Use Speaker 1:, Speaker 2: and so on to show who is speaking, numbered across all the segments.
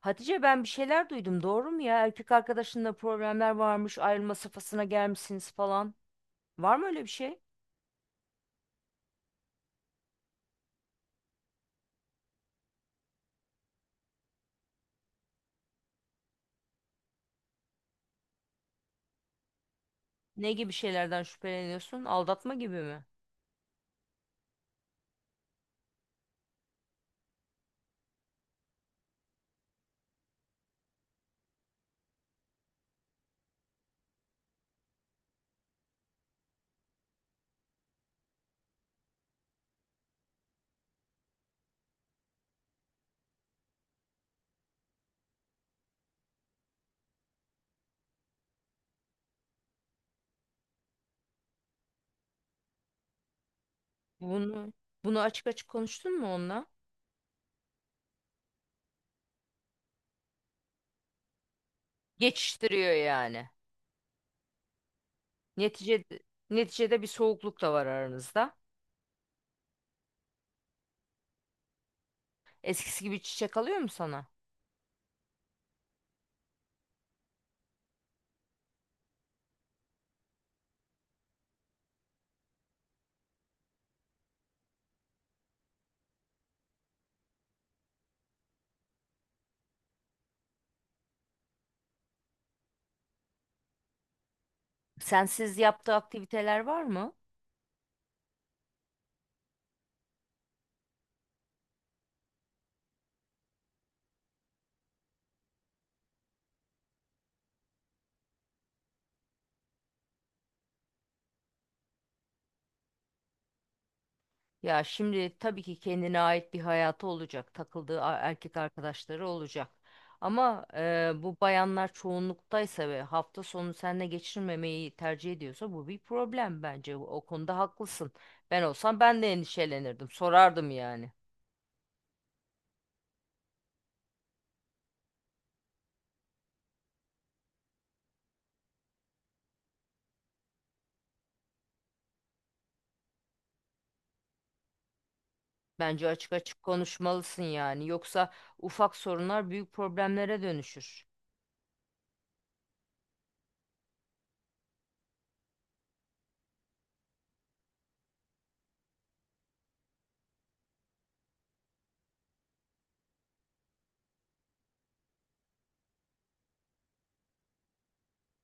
Speaker 1: Hatice, ben bir şeyler duydum, doğru mu ya? Erkek arkadaşınla problemler varmış, ayrılma safhasına gelmişsiniz falan. Var mı öyle bir şey? Ne gibi şeylerden şüpheleniyorsun? Aldatma gibi mi? Bunu bunu açık açık konuştun mu onunla? Geçiştiriyor yani. Neticede neticede bir soğukluk da var aranızda. Eskisi gibi çiçek alıyor mu sana? Sensiz yaptığı aktiviteler var mı? Ya şimdi tabii ki kendine ait bir hayatı olacak, takıldığı erkek arkadaşları olacak. Ama bu bayanlar çoğunluktaysa ve hafta sonu seninle geçirmemeyi tercih ediyorsa bu bir problem bence. O konuda haklısın. Ben olsam ben de endişelenirdim, sorardım yani. Bence açık açık konuşmalısın yani. Yoksa ufak sorunlar büyük problemlere dönüşür.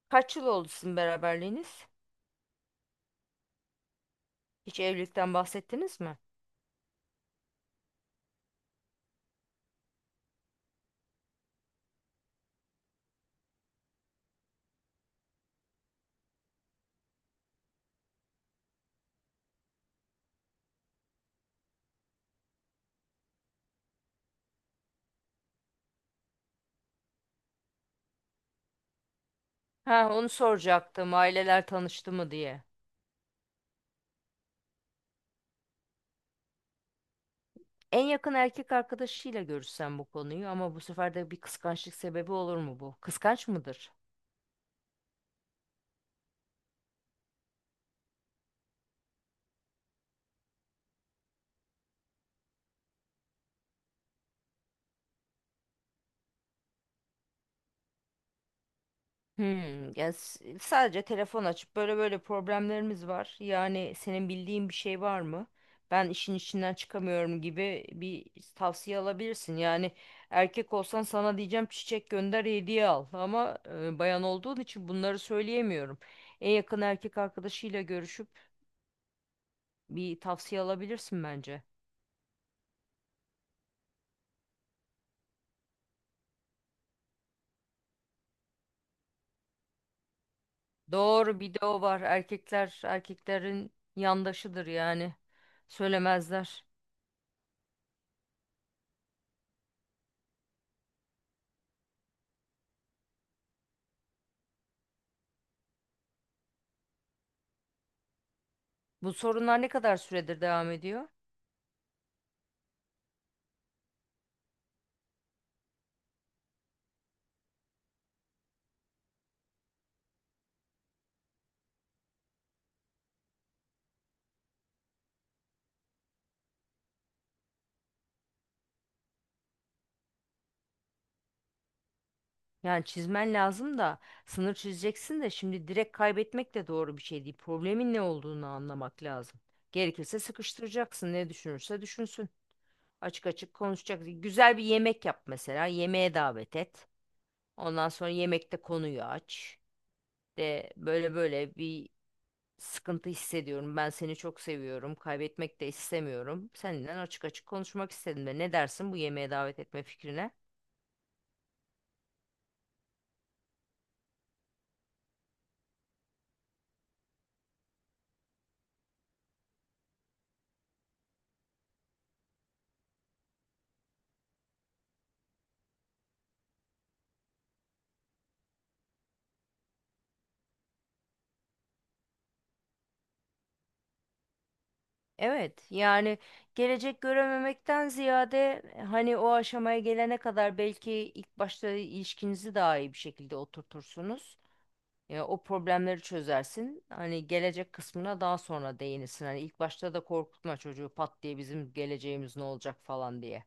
Speaker 1: Kaç yıl oldu sizin beraberliğiniz? Hiç evlilikten bahsettiniz mi? Ha, onu soracaktım. Aileler tanıştı mı diye. En yakın erkek arkadaşıyla görüşsen bu konuyu, ama bu sefer de bir kıskançlık sebebi olur mu bu? Kıskanç mıdır? Hmm, yani sadece telefon açıp böyle böyle problemlerimiz var. Yani senin bildiğin bir şey var mı? Ben işin içinden çıkamıyorum gibi bir tavsiye alabilirsin. Yani erkek olsan sana diyeceğim çiçek gönder, hediye al. Ama bayan olduğun için bunları söyleyemiyorum. En yakın erkek arkadaşıyla görüşüp bir tavsiye alabilirsin bence. Doğru, bir de o var. Erkekler erkeklerin yandaşıdır yani. Söylemezler. Bu sorunlar ne kadar süredir devam ediyor? Yani çizmen lazım da, sınır çizeceksin de, şimdi direkt kaybetmek de doğru bir şey değil. Problemin ne olduğunu anlamak lazım. Gerekirse sıkıştıracaksın. Ne düşünürse düşünsün. Açık açık konuşacak. Güzel bir yemek yap mesela. Yemeğe davet et. Ondan sonra yemekte konuyu aç. De böyle böyle bir sıkıntı hissediyorum. Ben seni çok seviyorum. Kaybetmek de istemiyorum. Senden açık açık konuşmak istedim, de. Ne dersin bu yemeğe davet etme fikrine? Evet, yani gelecek görememekten ziyade hani o aşamaya gelene kadar belki ilk başta ilişkinizi daha iyi bir şekilde oturtursunuz. Ya o problemleri çözersin. Hani gelecek kısmına daha sonra değinirsin. Hani ilk başta da korkutma çocuğu pat diye bizim geleceğimiz ne olacak falan diye.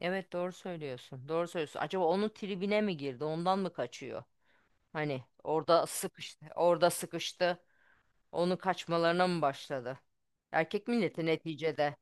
Speaker 1: Evet, doğru söylüyorsun. Doğru söylüyorsun. Acaba onun tribine mi girdi? Ondan mı kaçıyor? Hani orada sıkıştı. Orada sıkıştı. Onun kaçmalarına mı başladı? Erkek milleti neticede.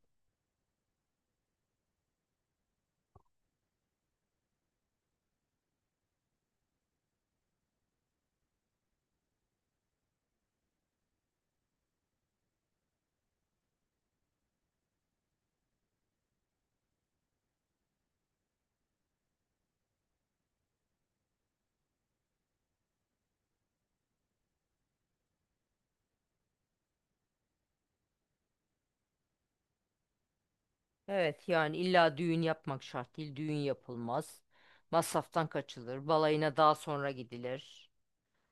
Speaker 1: Evet yani, illa düğün yapmak şart değil. Düğün yapılmaz. Masraftan kaçılır. Balayına daha sonra gidilir.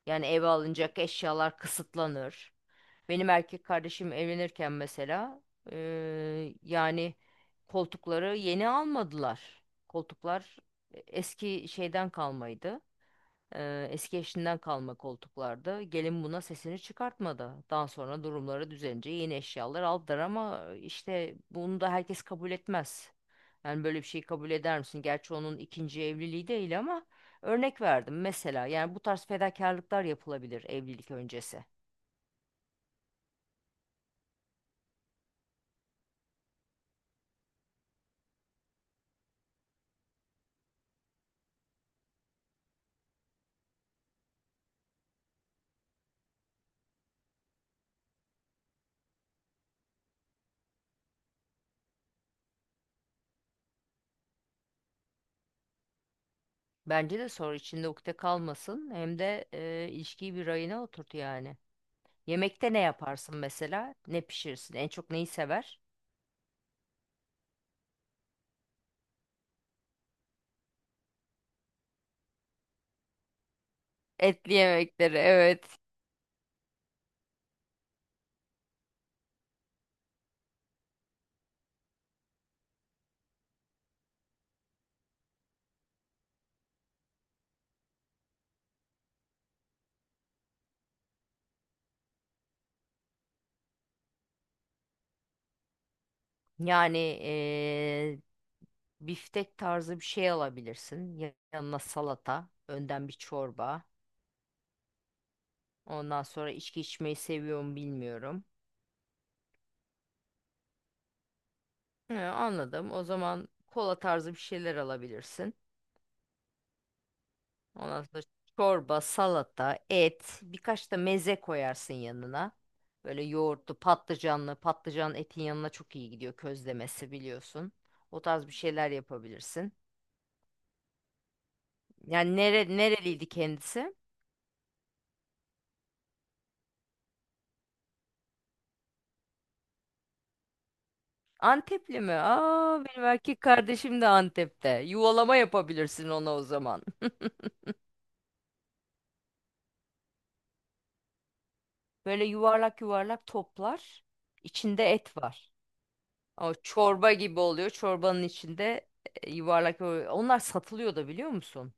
Speaker 1: Yani eve alınacak eşyalar kısıtlanır. Benim erkek kardeşim evlenirken mesela, yani koltukları yeni almadılar. Koltuklar eski şeyden kalmaydı. Eski eşinden kalma koltuklardı. Gelin buna sesini çıkartmadı. Daha sonra durumları düzelince yeni eşyalar aldılar, ama işte bunu da herkes kabul etmez. Yani böyle bir şeyi kabul eder misin? Gerçi onun ikinci evliliği değil ama örnek verdim mesela. Yani bu tarz fedakarlıklar yapılabilir evlilik öncesi. Bence de soru içinde ukde kalmasın. Hem de ilişkiyi bir rayına oturt yani. Yemekte ne yaparsın mesela? Ne pişirirsin? En çok neyi sever? Etli yemekleri, evet. Yani e, biftek tarzı bir şey alabilirsin. Yanına salata, önden bir çorba. Ondan sonra içki içmeyi seviyorum, bilmiyorum. He, anladım. O zaman kola tarzı bir şeyler alabilirsin. Ondan sonra çorba, salata, et, birkaç da meze koyarsın yanına. Böyle yoğurtlu, patlıcanlı; patlıcan etin yanına çok iyi gidiyor, közlemesi biliyorsun. O tarz bir şeyler yapabilirsin. Yani nereliydi kendisi? Antepli mi? Aa, benim erkek kardeşim de Antep'te. Yuvalama yapabilirsin ona o zaman. Böyle yuvarlak yuvarlak toplar. İçinde et var. O çorba gibi oluyor. Çorbanın içinde yuvarlak onlar satılıyor da, biliyor musun?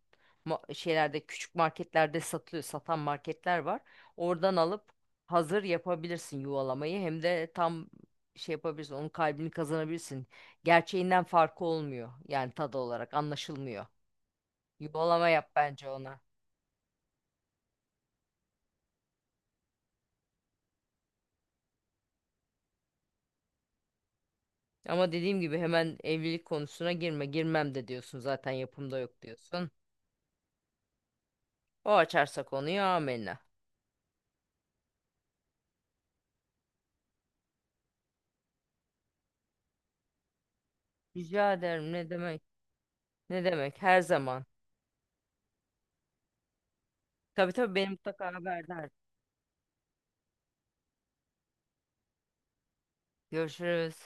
Speaker 1: Şeylerde, küçük marketlerde satılıyor. Satan marketler var. Oradan alıp hazır yapabilirsin yuvalamayı. Hem de tam şey yapabilirsin. Onun kalbini kazanabilirsin. Gerçeğinden farkı olmuyor. Yani tadı olarak anlaşılmıyor. Yuvalama yap bence ona. Ama dediğim gibi hemen evlilik konusuna girme. Girmem de diyorsun zaten, yapımda yok diyorsun. O açarsa konuyu, amenna. Rica ederim, ne demek. Ne demek? Her zaman. Tabii tabii, beni mutlaka haberdar. Görüşürüz.